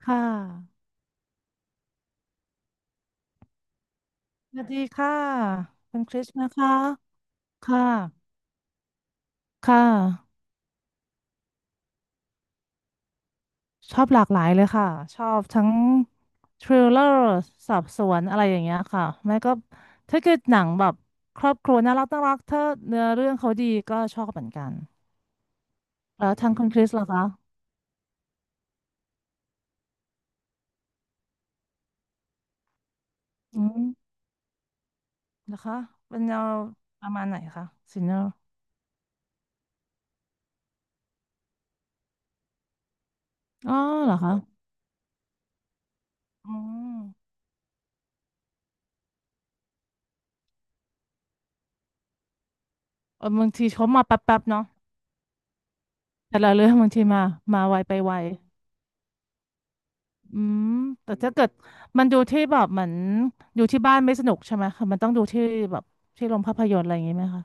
ค่ะสวัสดีค่ะ เป็นคริสนะคะค่ะค่ะ ชอบหลากหลายเลยค่ะ ชอบทั้งทริลเลอร์สอบสวนอะไรอย่างเงี้ยค่ะไม่ก็ถ้าเกิดหนังแบบครอบครัวน่ารักน่ารักถ้าเนื้อเรื่องเขาดีก็ชอบเหมือนกันแล้วทางคุณคริสล่ะคะอืมเหรอคะ เป็นแนวประมาณไหนคะซินเนอร์อ๋อเหรอคะ อืมเออบางทีเขามาแป๊บๆเนาะแต่ละเรื่องบางทีมา มาไวไปไว อืมแต่ถ้าเกิดมันดูที่แบบเหมือนดูที่บ้านไม่สนุกใช่ไหมคะมันต้องดูที่แบบที่โรงภาพยนตร์อะไรอย่างงี้ไหมคะ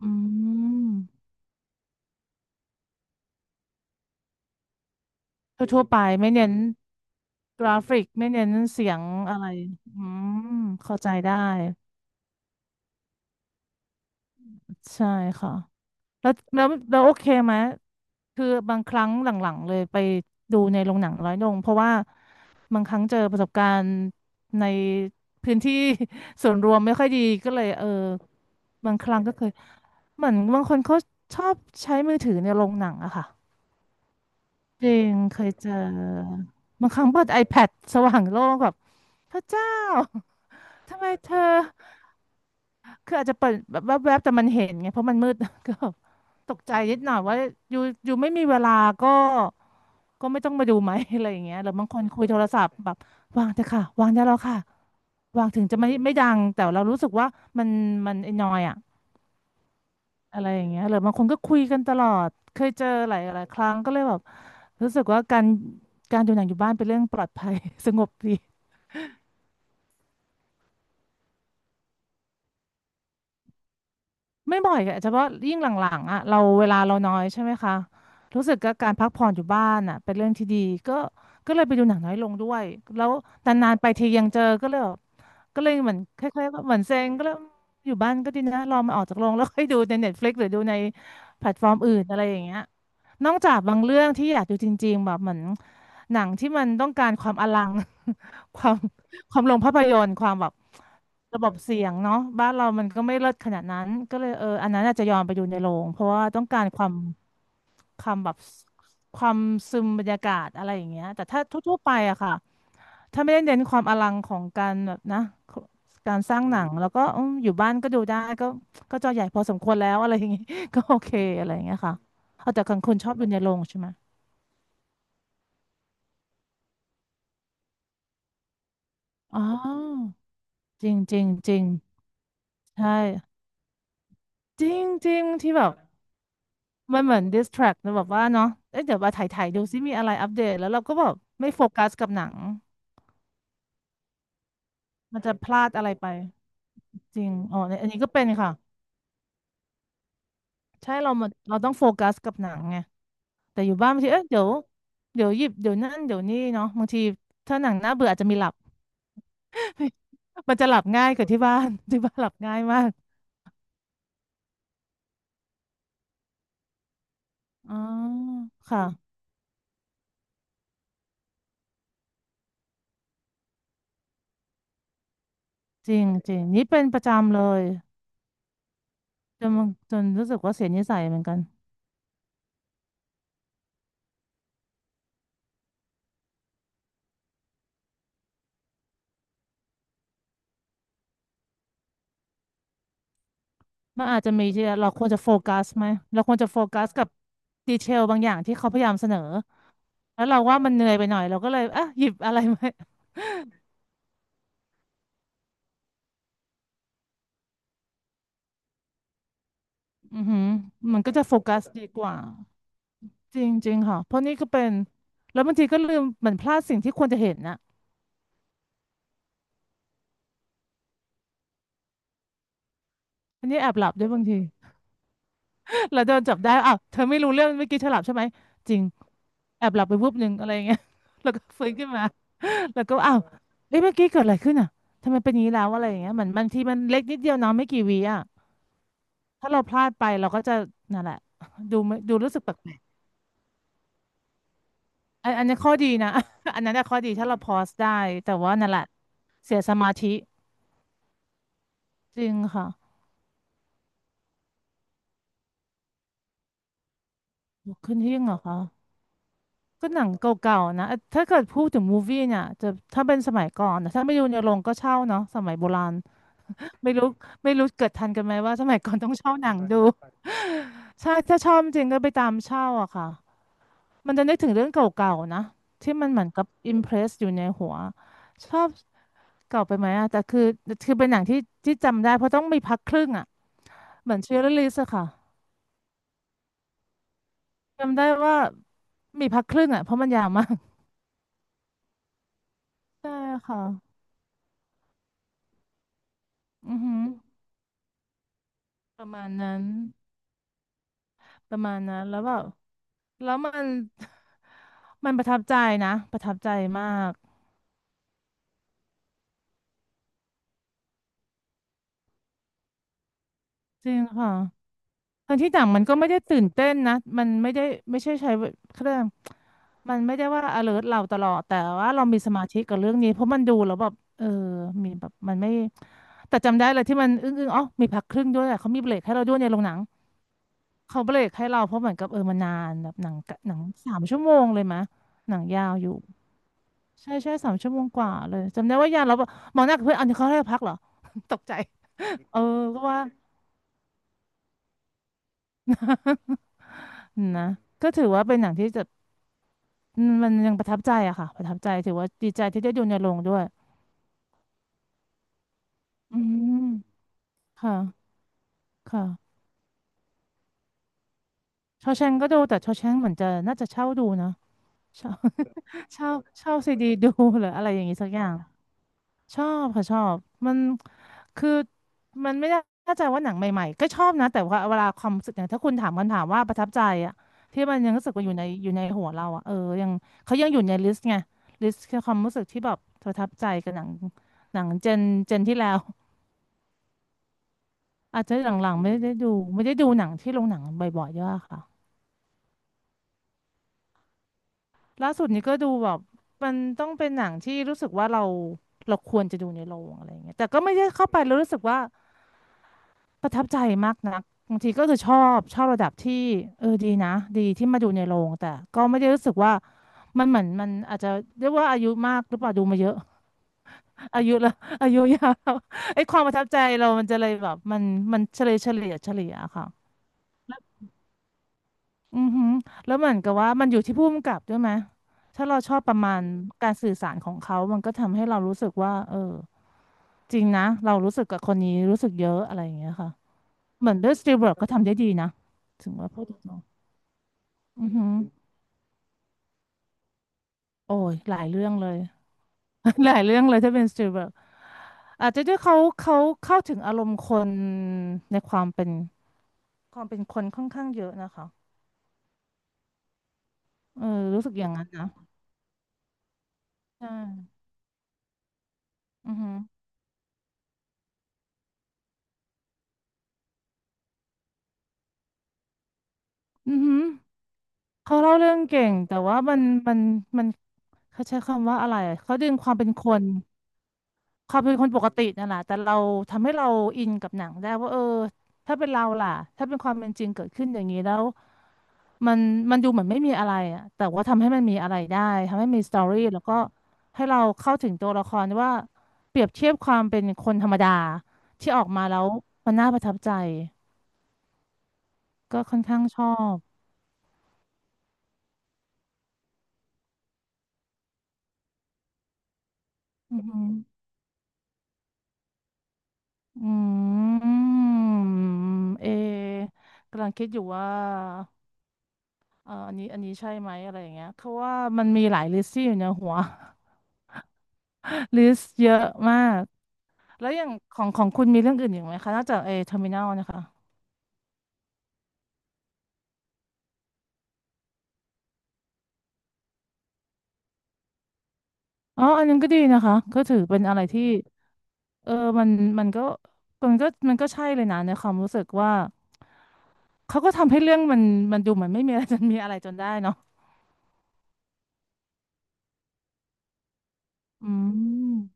อืมทั่วๆไปไม่เน้นกราฟิกไม่เน้นเสียงอะไรอืมเข้าใจได้ใช่ค่ะแล้วโอเคไหมคือบางครั้งหลังๆเลยไปดูในโรงหนังร้อยโรงเพราะว่าบางครั้งเจอประสบการณ์ในพื้นที่ ส่วนรวมไม่ค่อยดีก็เลยเออ บางครั้งก็เคยเหมือนบางคนเขาชอบใช้มือถือในโรงหนังอะค่ะจริงเคยเจอบางครั้งเปิด iPad สว่างโล่งแบบพระเจ้า ทำไมเธอคืออาจจะเปิดแบบแวบๆแต่มันเห็นไงเพราะมันมืด ก็แบบตกใจนิดหน่อยว่าอยู่ไม่มีเวลาก็ก็ไม่ต้องมาดูไหม อะไรอย่างเงี้ยหรือบางคนคุยโทรศัพท์แบบวางเถอะค่ะวางได้แล้วค่ะวางถึงจะไม่ดังแต่เรารู้สึกว่ามันมันไอ้นอยอะ อะไรอย่างเงี้ยหรือบางคนก็คุยกันตลอดเคยเจอหลายหลายครั้งก็เลยแบบรู้สึกว่าการดูหนังอยู่บ้านเป็นเรื่องปลอดภัย สงบดี ไม่บ่อยอะเฉพาะยิ่งหลังๆอ่ะเราเวลาเราน้อยใช่ไหมคะรู้สึกก็การพักผ่อนอยู่บ้านอ่ะเป็นเรื่องที่ดีก็ก็เลยไปดูหนังน้อยลงด้วยแล้วนานๆไปทียังเจอก็เลยแบบก็เลยเหมือนคล้ายๆว่าเหมือนเซ็งก็เลยอยู่บ้านก็ดีนะรอมาออกจากโรงแล้วค่อยดูใน Netflix หรือดูในแพลตฟอร์มอื่นอะไรอย่างเงี้ยนอกจากบางเรื่องที่อยากดูจริงๆแบบเหมือนหนังที่มันต้องการความอลัง ความ ความลงภาพยนตร์ความแบบระบบเสียงเนาะบ้านเรามันก็ไม่เลิศขนาดนั้นก็เลยเอออันนั้นอาจจะยอมไปดูในโรงเพราะว่าต้องการความความแบบความซึมบรรยากาศอะไรอย่างเงี้ยแต่ถ้าทั่วๆไปอะค่ะถ้าไม่ได้เน้นความอลังของการแบบนะการสร้างหนังแล้วก็อืมอยู่บ้านก็ดูได้ก็ก็จอใหญ่พอสมควรแล้วอะไรอย่างงี้ ก็โอเคอะไรอย่างเงี้ยค่ะเอาแต่ของคุณชอบดูในโรงใช่ไหมอ๋อจริงจริงจริงใช่จริงจริงที่แบบ มันเหมือน distract นะแบบว่าเนาะเอ๊ะเดี๋ยวมาถ่ายถ่ายดูซิมีอะไรอัปเดตแล้วเราก็แบบไม่โฟกัสกับหนังมันจะพลาดอะไรไปจริงอ๋อเนี่ยอันนี้ก็เป็นค่ะใช่เรามาเราต้องโฟกัสกับหนังไงแต่อยู่บ้านบางทีเอ๊ะเดี๋ยวเดี๋ยวหยิบเดี๋ยวนั่นเดี๋ยวนี่เนาะบางทีถ้าหนังน่าเบื่ออาจจะมีหลับ มันจะหลับง่ายกว่าที่บ้าน ที่บ้านหลับง่ายมากอ๋อค่ะจริงจริงนี่เป็นประจำเลยจนมันจนรู้สึกว่าเสียนิสัยเหมือนกัน มันอาจจะมีที่เราควรจะโฟกัสไหม เราควรจะโฟกัสกับดีเทลบางอย่างที่เขาพยายามเสนอ แล้วเราว่ามันเหนื่อยไปหน่อยเราก็เลยอ่ะหยิบอะไรมา อือหือมันก็จะโฟกัสดีกว่าจริงๆค่ะเพราะนี่ก็เป็นแล้วบางทีก็ลืมเหมือนพลาดสิ่งที่ควรจะเห็นนะอันนี้แอบหลับด้วยบางที แล้วโดนจับได้ อ้าวเธอไม่รู้เรื่องเมื่อกี้เธอหลับใช่ไหมจริง แอบหลับไปวุบหนึ่งอะไรอย่างเงี้ย แล้วก็ฟื้นขึ้นมา แล้วก็อ้าวเอ้ยเมื่อกี้เกิดอะไรขึ้นอ่ะทำไมเป็นอย่างนี้แล้วอะไรอย่างเงี้ยเหมือนบางทีมันเล็กนิดเดียวเน้องไม่กี่วิอ่ะถ้าเราพลาดไปเราก็จะนั่นแหละดูไม่ดูรู้สึกแปลกๆอันนี้ข้อดีนะ อันนั้นน่ะข้อดีถ้าเราพอสได้แต่ว่านั่นแหละเสียสมาธิจริงค่ะลุกขึ้นหิ้งเหรอคะ ก็หนังเก่าๆนะถ้าเกิดพูดถึงมูฟวี่เนี่ยจะถ้าเป็นสมัยก่อนนะถ้าไม่ดูในโรงก็เช่าเนาะสมัยโบราณไม่รู้ไม่รู้เกิดทันกันไหมว่าสมัยก่อนต้องเช่าหนังดูใช่ถ้าชอบจริงก็ไปตามเช่าอะค่ะมันจะนึกถึงเรื่องเก่าๆนะที่มันเหมือนกับอิมเพรสอยู่ในหัวชอบเก่าไปไหมอะแต่คือเป็นหนังที่จำได้เพราะต้องมีพักครึ่งอะเหมือนเชียร์ลิสอะค่ะจำได้ว่ามีพักครึ่งอะเพราะมันยาวมาก ใช่ค่ะอือหือประมาณนั้น ประมาณนั้นแล้วแบบแล้วมัน มันประทับใจนะประทับใจมากจริงค่ะทั้งที่หนังมันก็ไม่ได้ตื่นเต้นนะมันไม่ได้ไม่ใช่ใช้เครื่องมันไม่ได้ว่า alert เราตลอดแต่ว่าเรามีสมาธิกับเรื่องนี้เพราะมันดูแล้วแบบเออมีแบบมันไม่แต่จำได้เลยที่มันอึ้งอ๋อมีพักครึ่งด้วยอะเขามีเบรกให้เราด้วยในโรงหนังเขาเบรกให้เราเพราะเหมือนกับเออมันนานแบบหนังหนังสามชั่วโมงเลยมะหนังยาวอยู่ ใช่ใช่3 ชั่วโมงกว่าเลยจำได้ว่ายาเราบอกหมอหนากับเพื่อนอันนี้เขาให้พักเหรอ ตกใจเออก็ว่า นะก็ถือว่าเป็นหนังที่จะอืมมันยังประทับใจอะค่ะประทับใจถือว่าดีใจที่ได้ดูในโรงด้วยอืมค่ะค่ะชอแชงก็ดูแต่ชอแชงเหมือนจะน่าจะเช่าดูนะเช่า เช่าเช่าซีดีดูหรืออะไรอย่างงี้สักอย่าง ชอบค่ะชอบมันคือมันไม่ได้เ่าใจว่าหนังใหม่ๆก็ชอบนะแต่ว่าเวลาความรู้สึกเนี่ยถ้าคุณถามคำถามว่าประทับใจอะที่มันยังรู้สึกว่าอยู่ในอยู่ในหัวเราอะเออยังเขายังอยู่ในลิสต์ไงลิสต์คือความรู้สึกที่แบบประทับใจกับหนังหนังเจนที่แล้วอาจจะหลังๆไม่ได้ดูไม่ได้ดูหนังที่โรงหนังบ่อยๆเยอะค่ะล่าสุดนี้ก็ดูแบบมันต้องเป็นหนังที่รู้สึกว่าเราเราควรจะดูในโรงอะไรอย่างเงี้ยแต่ก็ไม่ได้เข้าไปแล้วรู้สึกว่า ประทับใจมากนักบางทีก็คือชอบระดับที่เออดีนะดีที่มาดูในโรงแต่ก็ไม่ได้รู้สึกว่ามันเหมือนมันอาจจะเรียกว่าอายุมากหรือเปล่าดูมาเยอะ อายุละ อายุยาว ไอ้ความประทับใจเรามันจะเลยแบบมันมันเฉลี่ยค่ะอือหือแล้วเหมือนกับว่ามันอยู่ที่ผู้กำกับด้วยไหมถ้าเราชอบประมาณการสื่อสารของเขา มันก็ทำให้เรารู้สึกว่าเออจริงนะเรารู้สึกกับคนนี้รู้สึกเยอะอะไรอย่างเงี้ยค่ะเหมือนเด้วยสตีเวิร์ดก็ทำได้ดีนะถึงว่าพูดถึง อือหือโอ้ยหลายเรื่องเลย หลายเรื่องเลยถ้าเป็นสตีลเบิร์กอาจจะด้วยเขาเข้าถึงอารมณ์คนในความเป็นความเป็นคนค่อนข้างเยอะนะคะเออรู้สึกอย่างนั้นนะ ใช่อือหืออือหือเขาเล่าเรื่องเก่งแต่ว่ามันมันเขาใช้คำว่าอะไรอะเขาดึงความเป็นคนความเป็นคนปกตินั่นแหละแต่เราทำให้เราอินกับหนังได้ว่าเออถ้าเป็นเราล่ะถ้าเป็นความเป็นจริงเกิดขึ้นอย่างนี้แล้ว มันมันดูเหมือนไม่มีอะไรอะแต่ว่าทำให้มันมีอะไรได้ทำให้มีสตอรี่แล้วก็ให้เราเข้าถึงตัวละครว่าเปรียบเทียบความเป็นคนธรรมดาที่ออกมาแล้วมันน่าประทับใจก็ค่อนข้างชอบอือหืออืมเอกำลังคิดอยู่ว่าอันนี้ใช่ไหมอะไรอย่างเงี้ยเพราะว่ามันมีหลายลิสต์ที่อยู่ในหัว ลิสต์เยอะมากแล้วอย่างของของคุณมีเรื่องอื่นอีกไหมคะนอกจากเอเทอร์มินอลนะคะ อ๋ออันนั้นก็ดีนะคะก็ถือเป็นอะไรที่เออมันมันก็มันก็มันก็ใช่เลยนะในความรู้สึกว่าเขาก็ทำให้เรื่องมันมันดูเหมือนไม่มีอะไรจนมีอะไรจนได้เนาะอืม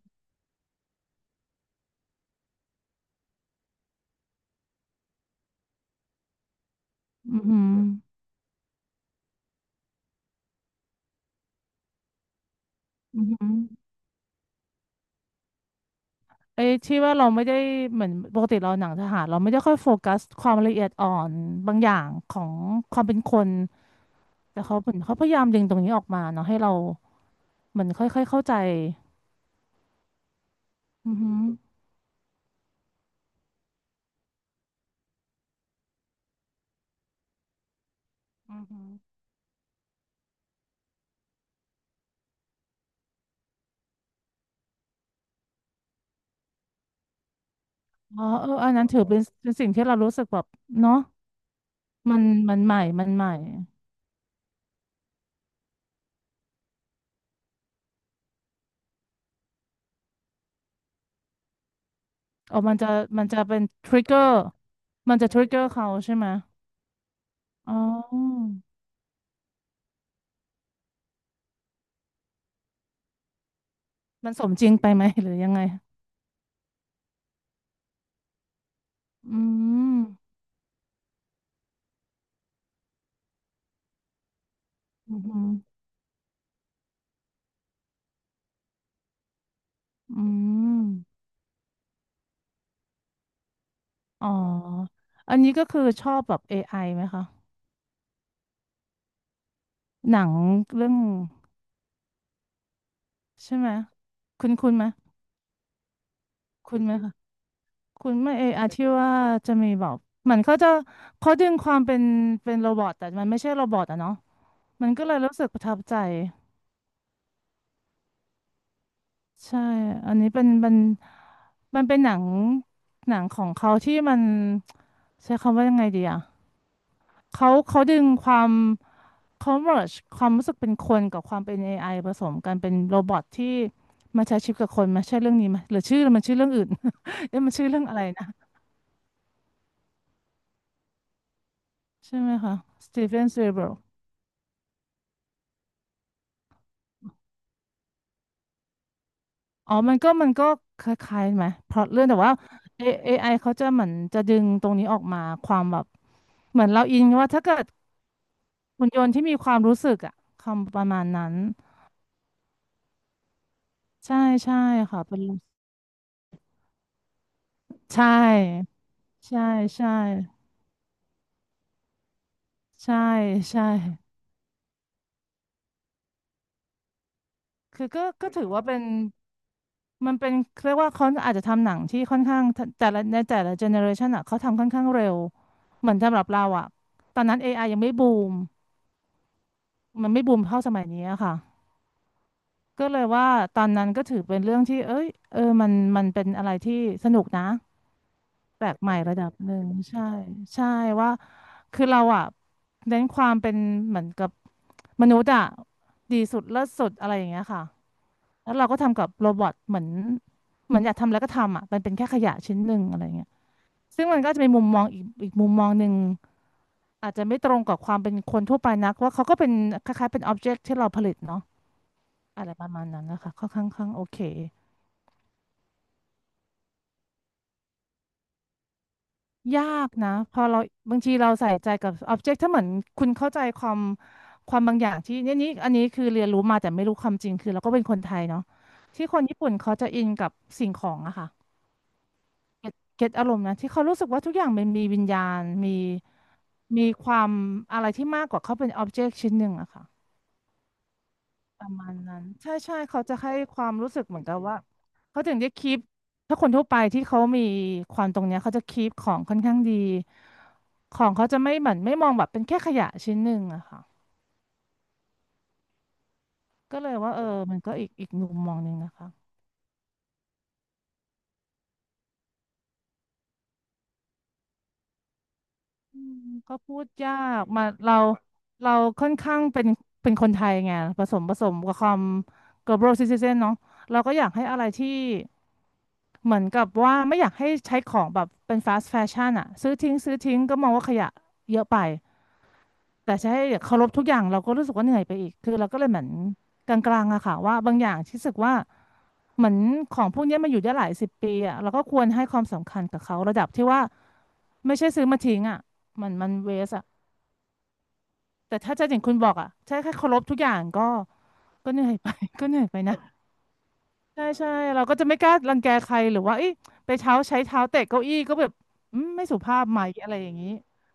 อืมอหืมออือหือไอ้ที่ว่าเราไม่ได้เหมือนปกติเราหนังทหารเราไม่ได้ค่อยโฟกัสความละเอียดอ่อนบางอย่างของความเป็นคนแต่เขาเหมือนเขาพยายามดึงตรงนี้ออกมาเนาะให้เราเหมือนค่อยๆเข้าใจอือหืออือหืออ๋อเอออันนั้นถือเป็นเป็นสิ่งที่เรารู้สึกแบบเนาะ มันมันใหม่มันใหม่อ๋อมันจะเป็นทริกเกอร์มันจะทริกเกอร์เขาใช่ไหมอ๋อมันสมจริงไปไหม หรือยังไงอืมอืมอืมอ๋ออันนี้ก็คือชอบแบบ AI ไอไหมคะ หนังเรื่องใช่ไหมคุณคุณไหมคุณไหมคะคุณไหม่ AI ที่ว่าจะมีแบบเหมือนเขาจะเขาดึงความเป็นเป็นโรบอทแต่มันไม่ใช่โรบอทอะเนาะมันก็เลยรู้สึกประทับใจ ใช่อันนี้เป็นมันมันเป็นหนังหนังของเขาที่มันใช้คำว่ายังไงดีอ่ะเขาดึงความเขา m e ร์ e ความรู้สึกเป็นคนกับความเป็นเอไอผสมกันเป็นโรบอทที่มาใช้ชีวิตกับคนมาใช่เรื่องนี้ไหมหรือชื่อมันชื่อเรื่องอื่น เอ๊ะมันชื่อเรื่องอะไรนะใช่ไหมคะสตีเฟนสปีลเบิร์กอ๋อมันก็คล้ายๆไหมเพราะเรื่องแต่ว่าเอไอเขาจะเหมือนจะดึงตรงนี้ออกมาความแบบเหมือนเราอินว่าถ้าเกิด หุ่นยนต์ที่มีความรู้สึกอะคำประมาณนั้นใช่ใช่ค่ะเป็นใช่ใช่ใช่ใช่ใช่คือก็ถือว่าเป็นมันเป็นเรียกว่าเขาอาจจะทำหนังที่ค่อนข้างทะแต่ละในแต่ละเจเนอเรชันอ่ะเขาทำค่อนข้างเร็วเหมือนสำหรับเราอ่ะตอนนั้น AI ยังไม่บูมมันไม่บูมเท่าสมัยนี้อะค่ะก็เลยว่าตอนนั้นก็ถือเป็นเรื่องที่เอ้ยเออมันเป็นอะไรที่สนุกนะ แปลกใหม่ระดับหนึ่งใช่ใช่ว่าคือเราอ่ะเน้นความเป็นเหมือนกับมนุษย์อ่ะดีสุดเลิศสุดอะไรอย่างเงี้ยค่ะแล้วเราก็ทำกับโรบอทเหมือนอยากทำแล้วก็ทำอ่ะมันเป็นแค่ขยะชิ้นหนึ่งอะไรเงี้ยซึ่งมันก็จะเป็นมุมมองอีกมุมมองหนึ่งอาจจะไม่ตรงกับความเป็นคนทั่วไปนักว่าเขาก็เป็นคล้ายๆเป็นอ็อบเจกต์ที่เราผลิตเนาะอะไรประมาณนั้นนะคะค่อนข้างโอเค ยากนะพอเราบางทีเราใส่ใจกับ object ถ้าเหมือนคุณเข้าใจความบางอย่างที่เนี่ยนี่อันนี้คือเรียนรู้มาแต่ไม่รู้ความจริงคือเราก็เป็นคนไทยเนาะที่คนญี่ปุ่นเขาจะอินกับสิ่งของอะค่ะเก็ตอารมณ์นะที่เขารู้สึกว่าทุกอย่างมันมีวิญญาณมีความอะไรที่มากกว่าเขาเป็น object ชิ้นหนึ่งอะค่ะ ประมาณนั้นใช่ใช่เขาจะให้ความรู้สึกเหมือนกับว่าเขาถึงจะคีปถ้าคนทั่วไปที่เขามีความตรงเนี้ยเขาจะคีปของค่อนข้างดีของเขาจะไม่เหมือนไม่มองแบบเป็นแค่ขยะชิ้นหนึ่งอะค่ะก็เลยว่าเออมันก็อีกมุมมองหนึ่งนะคะ อืมก็พูดยากมาเราค่อนข้างเป็นเป็นคนไทยไงผสมกับความ global citizen เนาะเราก็อยากให้อะไรที่เหมือนกับว่าไม่อยากให้ใช้ของแบบเป็น fast fashion อะซื้อทิ้งซื้อทิ้งก็มองว่าขยะเยอะไป แต่จะใช้เคารพทุกอย่างเราก็รู้สึกว่าเหนื่อยไปอีก คือเราก็เลยเหมือนกลางๆอะค่ะว่าบางอย่างที่รู้สึกว่าเหมือนของพวกเนี้ยมาอยู่ได้หลายสิบปีอะเราก็ควรให้ความสำคัญกับเขาระดับที่ว่าไม่ใช่ซื้อมาทิ้งอะมันเวสอะแต่ถ้าจะอย่างคุณบอกอะใช่แค่เคารพทุกอย่างก็ก็เหนื่อยไป ก็เหนื่อยไปนะใช่ใช่เราก็จะไม่กล้ารังแกใครหรือว่าเอ้ยไปเท้าใช้เท้าเตะเก้าอี้ก็แบบอืมไม่สุภาพไหมอะไรอย่างนี้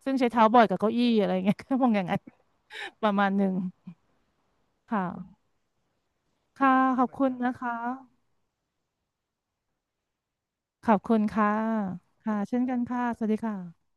ซึ่งใช้เท้าบ่อยกับเก้าอี้อะไรเงี้ย ก็มองอย่างนั้นประมาณหนึ่งค่ะ ค่ะขอบคุณนะคะขอบคุณค่ะค่ะเช่นกันค่ะสวัสดีค่ะ